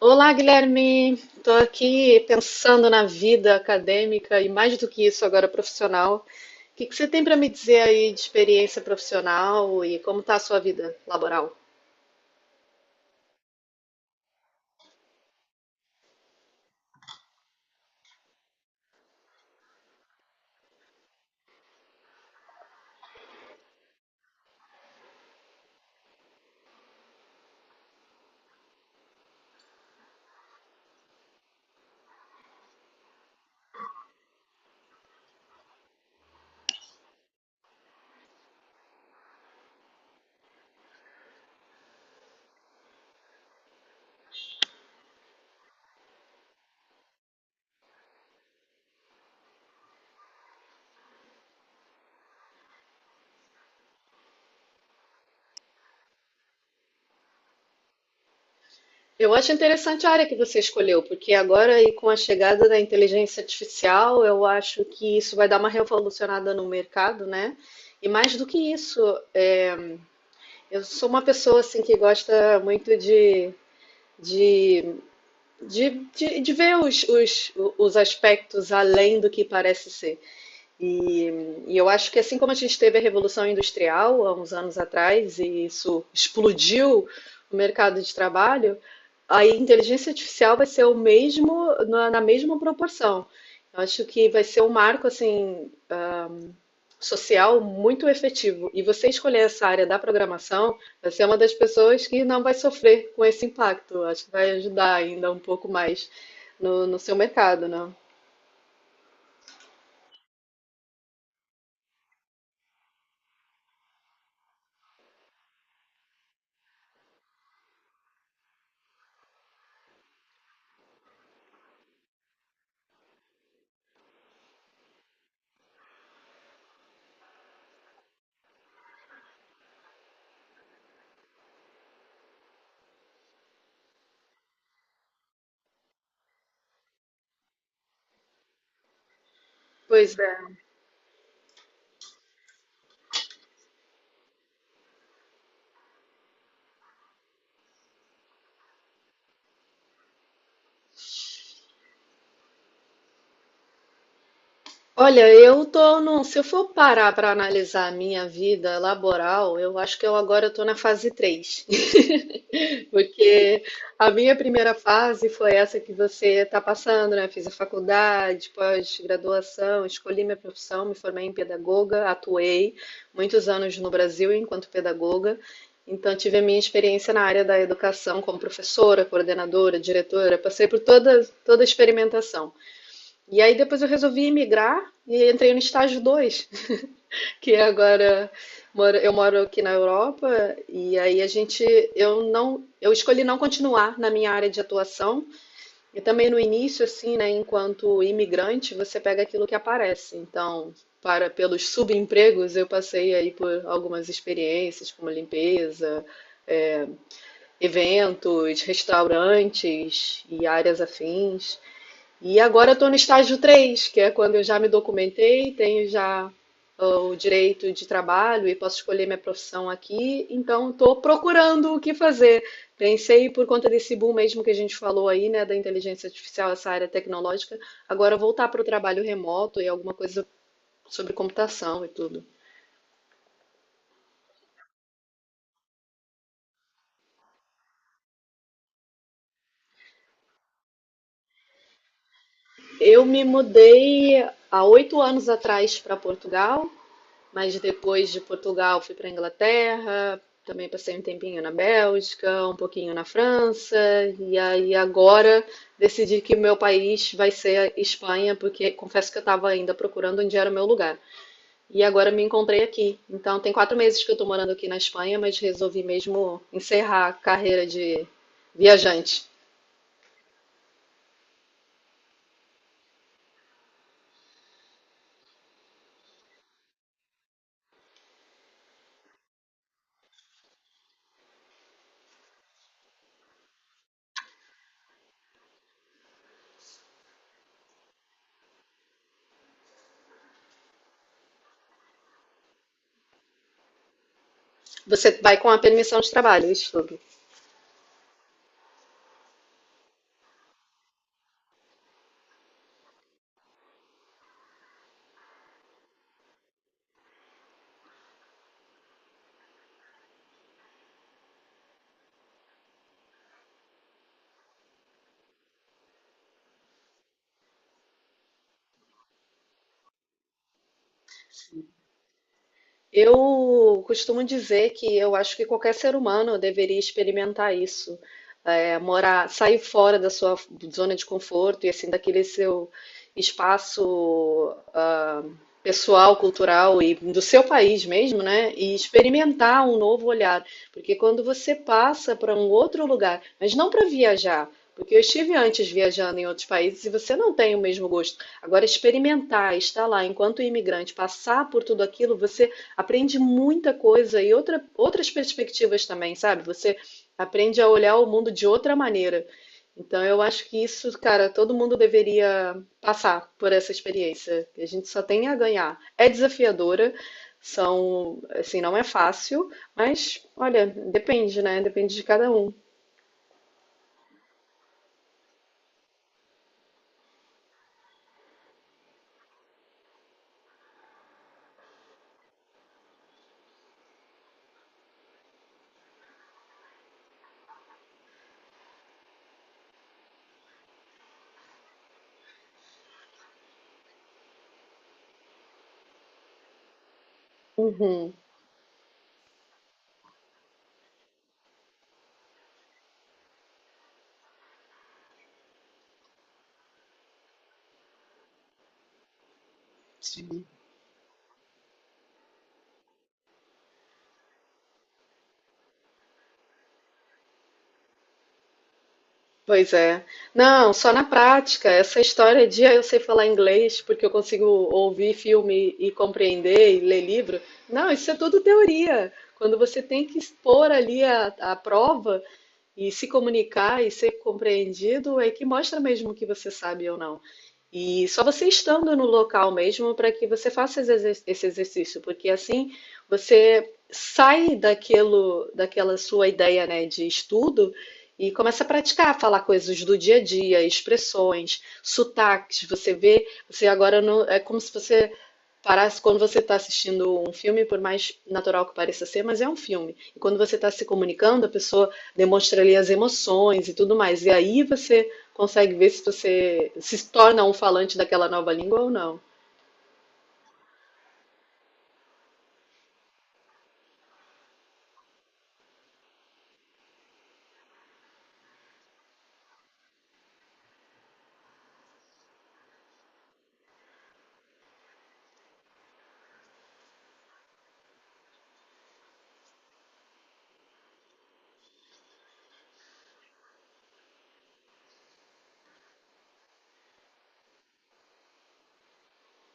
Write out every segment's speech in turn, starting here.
Olá, Guilherme. Estou aqui pensando na vida acadêmica e mais do que isso agora profissional. O que que você tem para me dizer aí de experiência profissional e como está a sua vida laboral? Eu acho interessante a área que você escolheu, porque agora e com a chegada da inteligência artificial, eu acho que isso vai dar uma revolucionada no mercado, né? E mais do que isso, é, eu sou uma pessoa assim que gosta muito de de ver os aspectos além do que parece ser. E, e eu acho que assim como a gente teve a Revolução Industrial há uns anos atrás, e isso explodiu o mercado de trabalho, a inteligência artificial vai ser o mesmo, na mesma proporção. Eu acho que vai ser um marco assim, social muito efetivo. E você escolher essa área da programação, você é uma das pessoas que não vai sofrer com esse impacto. Acho que vai ajudar ainda um pouco mais no seu mercado, né? Pois é. Olha, eu tô se eu for parar para analisar a minha vida laboral, eu acho que eu agora estou na fase 3. Porque a minha primeira fase foi essa que você está passando, né? Fiz a faculdade, pós-graduação, escolhi minha profissão, me formei em pedagoga, atuei muitos anos no Brasil enquanto pedagoga. Então, tive a minha experiência na área da educação como professora, coordenadora, diretora, passei por toda, toda a experimentação. E aí, depois, eu resolvi migrar e entrei no estágio 2 que agora eu moro aqui na Europa. E aí a gente eu não eu escolhi não continuar na minha área de atuação, e também no início assim, né, enquanto imigrante, você pega aquilo que aparece. Então, para pelos subempregos, eu passei aí por algumas experiências como limpeza, é, eventos, restaurantes e áreas afins. E agora eu estou no estágio 3, que é quando eu já me documentei, tenho já o direito de trabalho e posso escolher minha profissão aqui, então estou procurando o que fazer. Pensei por conta desse boom mesmo que a gente falou aí, né, da inteligência artificial, essa área tecnológica, agora voltar para o trabalho remoto e alguma coisa sobre computação e tudo. Eu me mudei há 8 anos atrás para Portugal. Mas depois de Portugal fui para a Inglaterra, também passei um tempinho na Bélgica, um pouquinho na França, e aí agora decidi que o meu país vai ser a Espanha, porque confesso que eu estava ainda procurando onde era o meu lugar. E agora me encontrei aqui. Então tem 4 meses que eu estou morando aqui na Espanha, mas resolvi mesmo encerrar a carreira de viajante. Você vai com a permissão de trabalho, isso. Eu costumo dizer que eu acho que qualquer ser humano deveria experimentar isso, morar, sair fora da sua zona de conforto e assim daquele seu espaço, pessoal, cultural e do seu país mesmo, né? E experimentar um novo olhar, porque quando você passa para um outro lugar, mas não para viajar, porque eu estive antes viajando em outros países e você não tem o mesmo gosto. Agora, experimentar, estar lá enquanto imigrante, passar por tudo aquilo, você aprende muita coisa e outras perspectivas também, sabe? Você aprende a olhar o mundo de outra maneira. Então, eu acho que isso, cara, todo mundo deveria passar por essa experiência. A gente só tem a ganhar. É desafiadora, são, assim, não é fácil, mas olha, depende, né? Depende de cada um. Uhum. Pois é. Não, só na prática. Essa história de eu sei falar inglês porque eu consigo ouvir filme e compreender e ler livro. Não, isso é tudo teoria. Quando você tem que expor ali a prova e se comunicar e ser compreendido, é que mostra mesmo que você sabe ou não. E só você estando no local mesmo para que você faça esse exercício, porque assim você sai daquilo, daquela sua ideia, né, de estudo e começa a praticar, falar coisas do dia a dia, expressões, sotaques. Você vê, você agora não, é como se você parece quando você está assistindo um filme, por mais natural que pareça ser, mas é um filme. E quando você está se comunicando, a pessoa demonstra ali as emoções e tudo mais. E aí você consegue ver se você se torna um falante daquela nova língua ou não.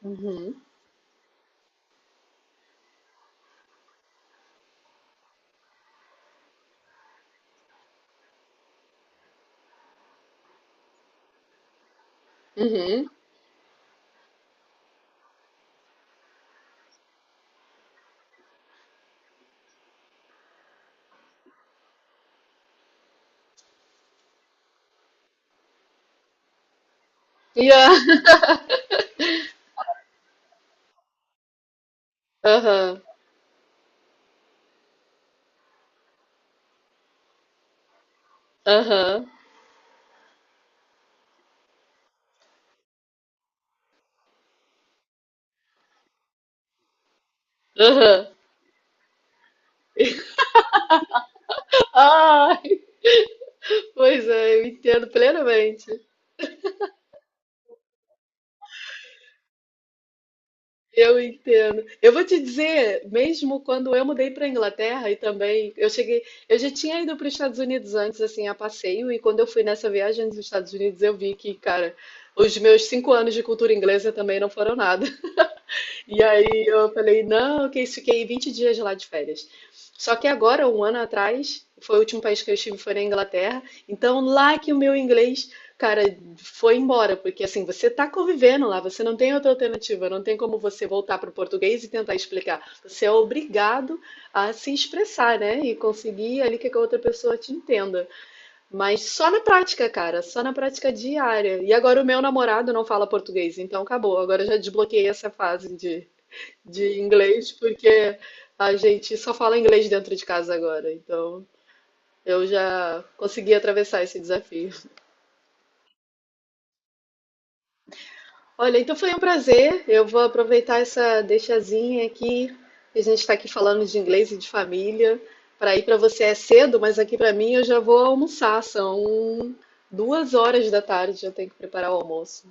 Uhum. Uhum. Yeah. Aham. Aham. Aham. Ai, pois é, eu entendo plenamente. Eu entendo. Eu vou te dizer, mesmo quando eu mudei para a Inglaterra e também eu cheguei, eu já tinha ido para os Estados Unidos antes, assim, a passeio, e quando eu fui nessa viagem nos Estados Unidos, eu vi que, cara, os meus 5 anos de cultura inglesa também não foram nada. E aí eu falei, não, que isso, fiquei 20 dias lá de férias. Só que agora, um ano atrás, foi o último país que eu estive, foi na Inglaterra. Então, lá que o meu inglês, cara, foi embora, porque assim, você tá convivendo lá, você não tem outra alternativa, não tem como você voltar para o português e tentar explicar. Você é obrigado a se expressar, né? E conseguir ali que a outra pessoa te entenda. Mas só na prática, cara, só na prática diária. E agora o meu namorado não fala português, então acabou. Agora eu já desbloqueei essa fase de inglês, porque a gente só fala inglês dentro de casa agora, então eu já consegui atravessar esse desafio. Olha, então foi um prazer. Eu vou aproveitar essa deixazinha aqui, que a gente está aqui falando de inglês e de família. Para ir para você é cedo, mas aqui para mim eu já vou almoçar. São 2 horas da tarde, eu tenho que preparar o almoço.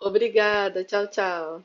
Obrigada, tchau, tchau.